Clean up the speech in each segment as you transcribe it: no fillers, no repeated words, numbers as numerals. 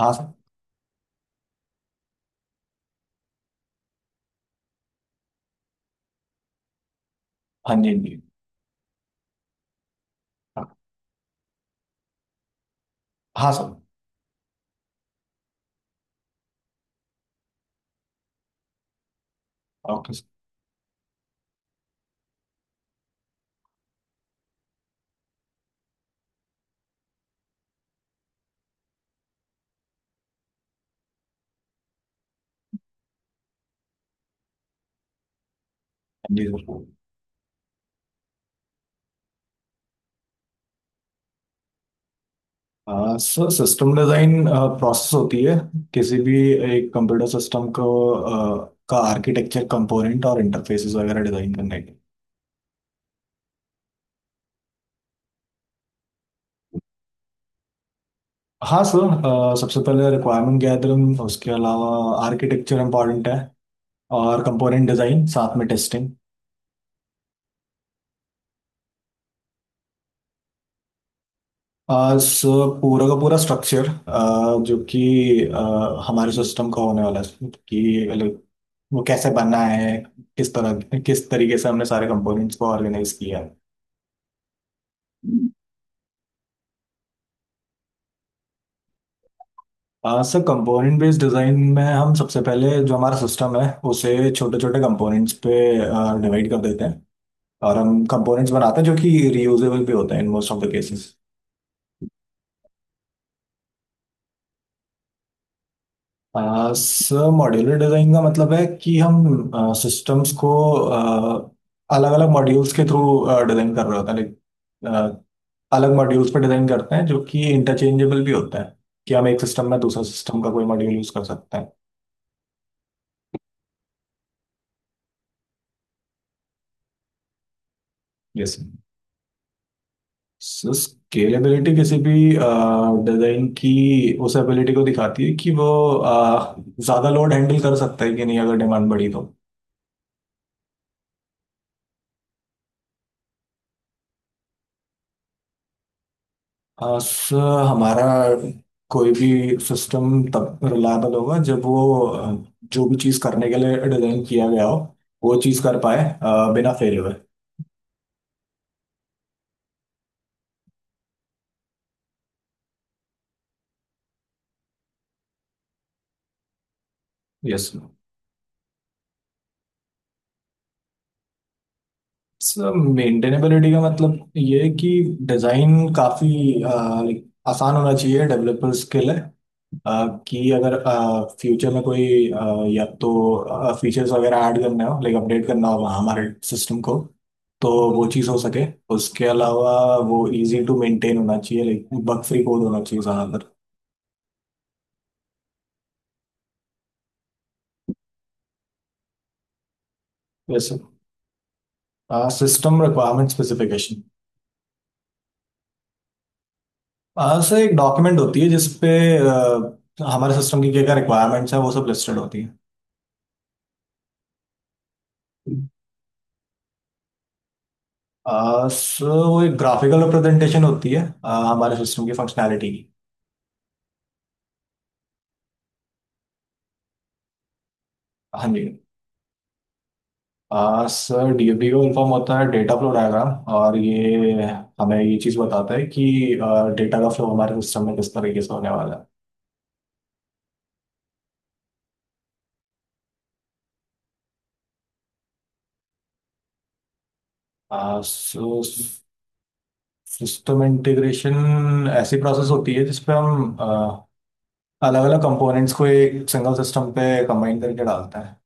हाँ सर। हाँ जी जी। हाँ। हाँ सर। Okay sir. हाँ जी। Sir sir system design process होती है किसी भी एक कंप्यूटर सिस्टम को का आर्किटेक्चर कंपोनेंट और इंटरफेसेस वगैरह डिज़ाइन करने के। हाँ सर। सबसे पहले रिक्वायरमेंट गैदरिंग, उसके अलावा आर्किटेक्चर इम्पॉर्टेंट है, और कंपोनेंट डिज़ाइन साथ में टेस्टिंग। सो पूरा का पूरा स्ट्रक्चर जो कि हमारे सिस्टम का होने वाला है कि like, वो कैसे बना है, किस तरह किस तरीके से हमने सारे कंपोनेंट्स को ऑर्गेनाइज किया है। सर कंपोनेंट बेस्ड डिज़ाइन में हम सबसे पहले जो हमारा सिस्टम है उसे छोटे छोटे कंपोनेंट्स पे डिवाइड कर देते हैं, और हम कंपोनेंट्स बनाते हैं जो कि रियूजेबल भी होते हैं in most of the cases. Sir modular design का मतलब है कि हम सिस्टम्स को अलग अलग मॉड्यूल्स के थ्रू डिजाइन कर रहे होते हैं, लाइक अलग मॉड्यूल्स पर डिजाइन करते हैं जो कि इंटरचेंजेबल भी होता है कि हम एक सिस्टम में दूसरा सिस्टम का कोई मॉड्यूल यूज कर सकते हैं। जैसे सो स्केलेबिलिटी किसी भी डिजाइन की उस एबिलिटी को दिखाती है कि वो ज़्यादा लोड हैंडल कर सकता है कि नहीं अगर डिमांड बढ़ी तो। सर हमारा कोई भी सिस्टम तब रिलायबल होगा जब वो जो भी चीज़ करने के लिए डिज़ाइन किया गया हो वो चीज़ कर पाए बिना फेल हुए। यस। सर मेंटेनेबिलिटी का मतलब ये है कि डिज़ाइन काफ़ी आसान होना चाहिए डेवलपर्स के लिए, कि अगर फ्यूचर में कोई या तो फीचर्स वगैरह ऐड करने हो लाइक अपडेट करना हो हमारे सिस्टम को, तो वो चीज़ हो सके। उसके अलावा वो इजी टू मेंटेन होना चाहिए, लाइक बग फ्री कोड होना चाहिए ज़्यादातर। वैसे सिस्टम रिक्वायरमेंट स्पेसिफिकेशन। सर एक डॉक्यूमेंट होती है जिसपे अ, हमारे सिस्टम की क्या क्या रिक्वायरमेंट्स हैं वो सब लिस्टेड होती है। सर वो एक ग्राफिकल रिप्रेजेंटेशन होती है हमारे सिस्टम की फंक्शनैलिटी की। हाँ जी। सर डीएफडी इन्फॉर्म होता है डेटा फ्लो डायग्राम, और ये हमें ये चीज़ बताता है कि डेटा का फ्लो हमारे सिस्टम में किस तरीके से होने वाला है। सो सिस्टम इंटीग्रेशन ऐसी प्रोसेस होती है जिसपे हम अलग अलग कंपोनेंट्स को एक सिंगल सिस्टम पे कंबाइन करके डालते हैं।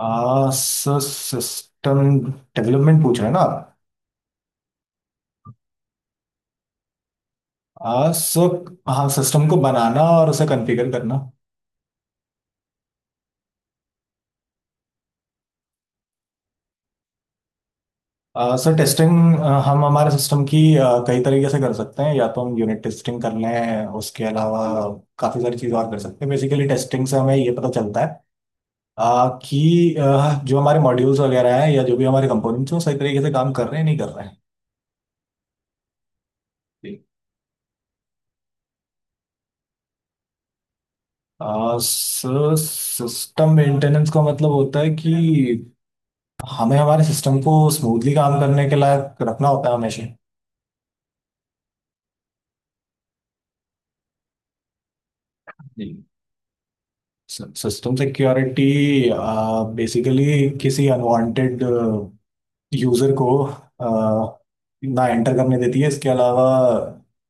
सर सिस्टम डेवलपमेंट पूछ रहे हैं ना आप? सो हाँ, सिस्टम को बनाना और उसे कॉन्फ़िगर करना। सर टेस्टिंग हम हमारे सिस्टम की कई तरीके से कर सकते हैं, या तो हम यूनिट टेस्टिंग कर लें, उसके अलावा काफ़ी सारी चीज़ और कर सकते हैं। बेसिकली टेस्टिंग से हमें ये पता चलता है कि जो हमारे मॉड्यूल्स वगैरह हैं या जो भी हमारे कंपोनेंट्स हैं वो सही तरीके से काम कर रहे हैं नहीं कर रहे हैं। सर सिस्टम मेंटेनेंस का मतलब होता है कि हमें हमारे सिस्टम को स्मूथली काम करने के लायक रखना होता है हमेशा। जी। सिस्टम सिक्योरिटी बेसिकली किसी अनवांटेड यूजर को ना एंटर करने देती है, इसके अलावा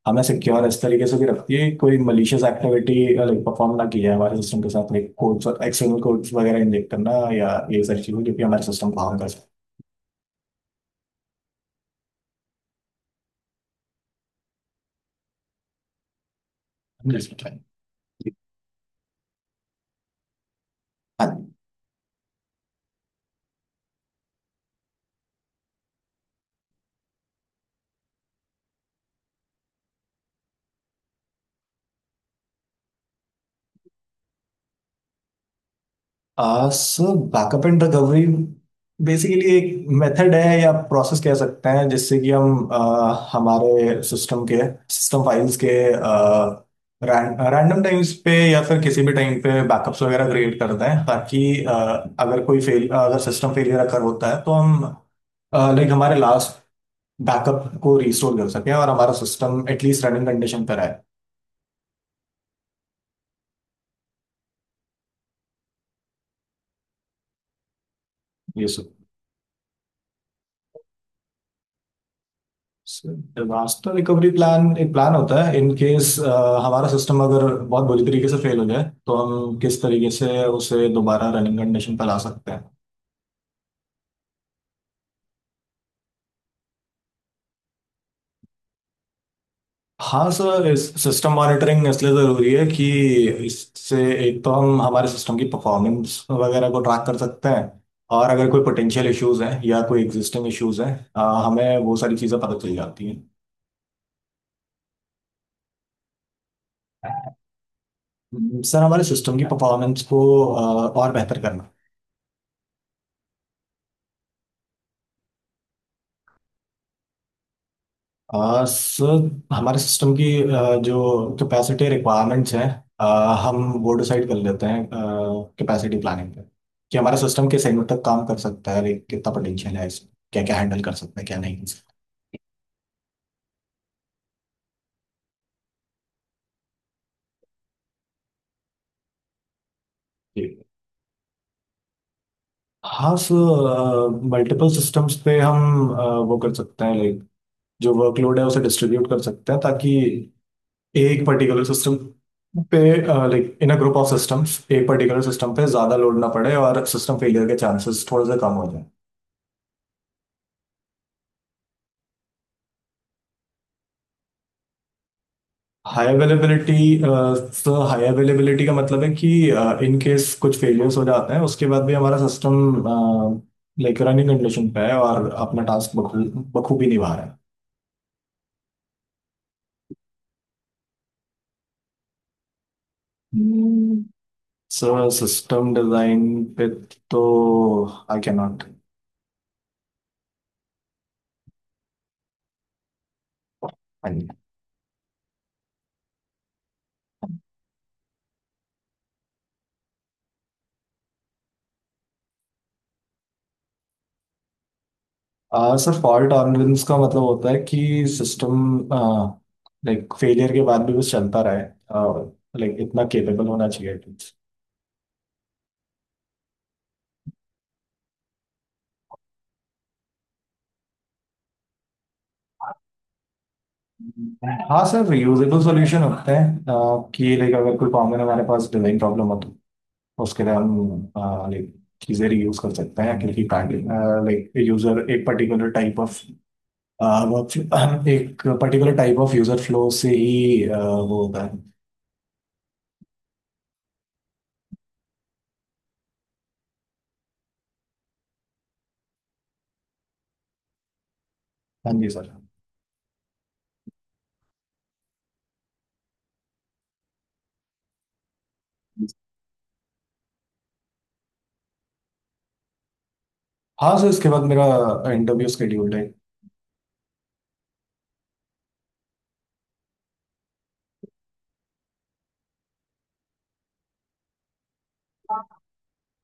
हमें सिक्योर इस तरीके से भी रखती है कि कोई मलिशियस एक्टिविटी लाइक परफॉर्म ना की जाए हमारे सिस्टम के साथ, लाइक कोड्स एक्सटर्नल कोड्स वगैरह इंजेक्ट करना या ये सारी चीजें जो कि हमारे सिस्टम को हार्म कर सकते हैं। हाँ। सो बैकअप एंड रिकवरी बेसिकली एक मेथड है या प्रोसेस कह सकते हैं जिससे कि हम हमारे सिस्टम के सिस्टम फाइल्स के रैंडम टाइम्स पे या फिर किसी भी टाइम पे बैकअप्स वगैरह क्रिएट करते हैं ताकि अगर सिस्टम फेलियर अगर होता है तो हम लाइक हमारे लास्ट बैकअप को रिस्टोर कर सकें और हमारा सिस्टम एटलीस्ट रनिंग कंडीशन पर आए। ये सब डिजास्टर रिकवरी प्लान एक प्लान होता है इन केस हमारा सिस्टम अगर बहुत बुरी तरीके से फेल हो जाए तो हम किस तरीके से उसे दोबारा रनिंग कंडीशन पर ला सकते हैं। हाँ सर इस सिस्टम मॉनिटरिंग इसलिए ज़रूरी है कि इससे एक तो हम हमारे सिस्टम की परफॉर्मेंस वगैरह को ट्रैक कर सकते हैं, और अगर कोई पोटेंशियल इश्यूज हैं या कोई एग्जिस्टिंग इश्यूज हैं हमें वो सारी चीज़ें पता चल जाती हैं। सर हमारे सिस्टम की परफॉर्मेंस को अ, और बेहतर करना। सर हमारे सिस्टम की जो कैपेसिटी रिक्वायरमेंट्स हैं हम वो डिसाइड कर लेते हैं कैपेसिटी प्लानिंग पे कि हमारा सिस्टम किस एंड तक काम कर सकता है, like, कितना पोटेंशियल है इसमें, क्या क्या हैंडल कर सकता है क्या नहीं कर सकता। जी। हाँ सर मल्टीपल सिस्टम्स पे हम वो कर सकते हैं, लाइक जो वर्कलोड है उसे डिस्ट्रीब्यूट कर सकते हैं ताकि एक पर्टिकुलर सिस्टम पे like in uh group of systems एक पर्टिकुलर सिस्टम पे ज्यादा लोड ना पड़े और सिस्टम फेलियर के चांसेस थोड़े से कम हो। High availability. Sir high availability का मतलब है कि इन केस कुछ फेलियर्स हो जाते हैं उसके बाद भी हमारा सिस्टम लाइक रनिंग कंडीशन पे है और अपना टास्क बखूबी निभा रहा है। हम्म, सर सिस्टम डिजाइन पे तो I can not. Sir fault tolerance का मतलब होता है कि सिस्टम लाइक फेलियर के बाद भी बस चलता रहे, लाइक इतना केपेबल होना चाहिए। हाँ सर यूजेबल सॉल्यूशन होते हैं कि लाइक अगर कोई कॉमन हमारे पास डिजाइन प्रॉब्लम हो तो उसके लिए हम लाइक चीज़ें रीयूज कर सकते हैं क्योंकि लाइक यूजर एक पर्टिकुलर टाइप ऑफ वर्क एक particular type of user flow से ही वो होता है। हाँ जी सर। हाँ सर इसके बाद मेरा इंटरव्यू स्केड्यूल्ड है।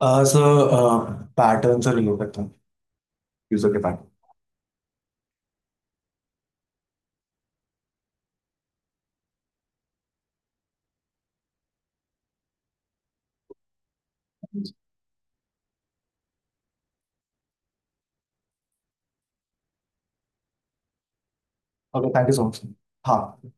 सर पैटर्न सर रिव्यू करता हूँ, यूजर के pattern. Okay thank you so much. हाँ।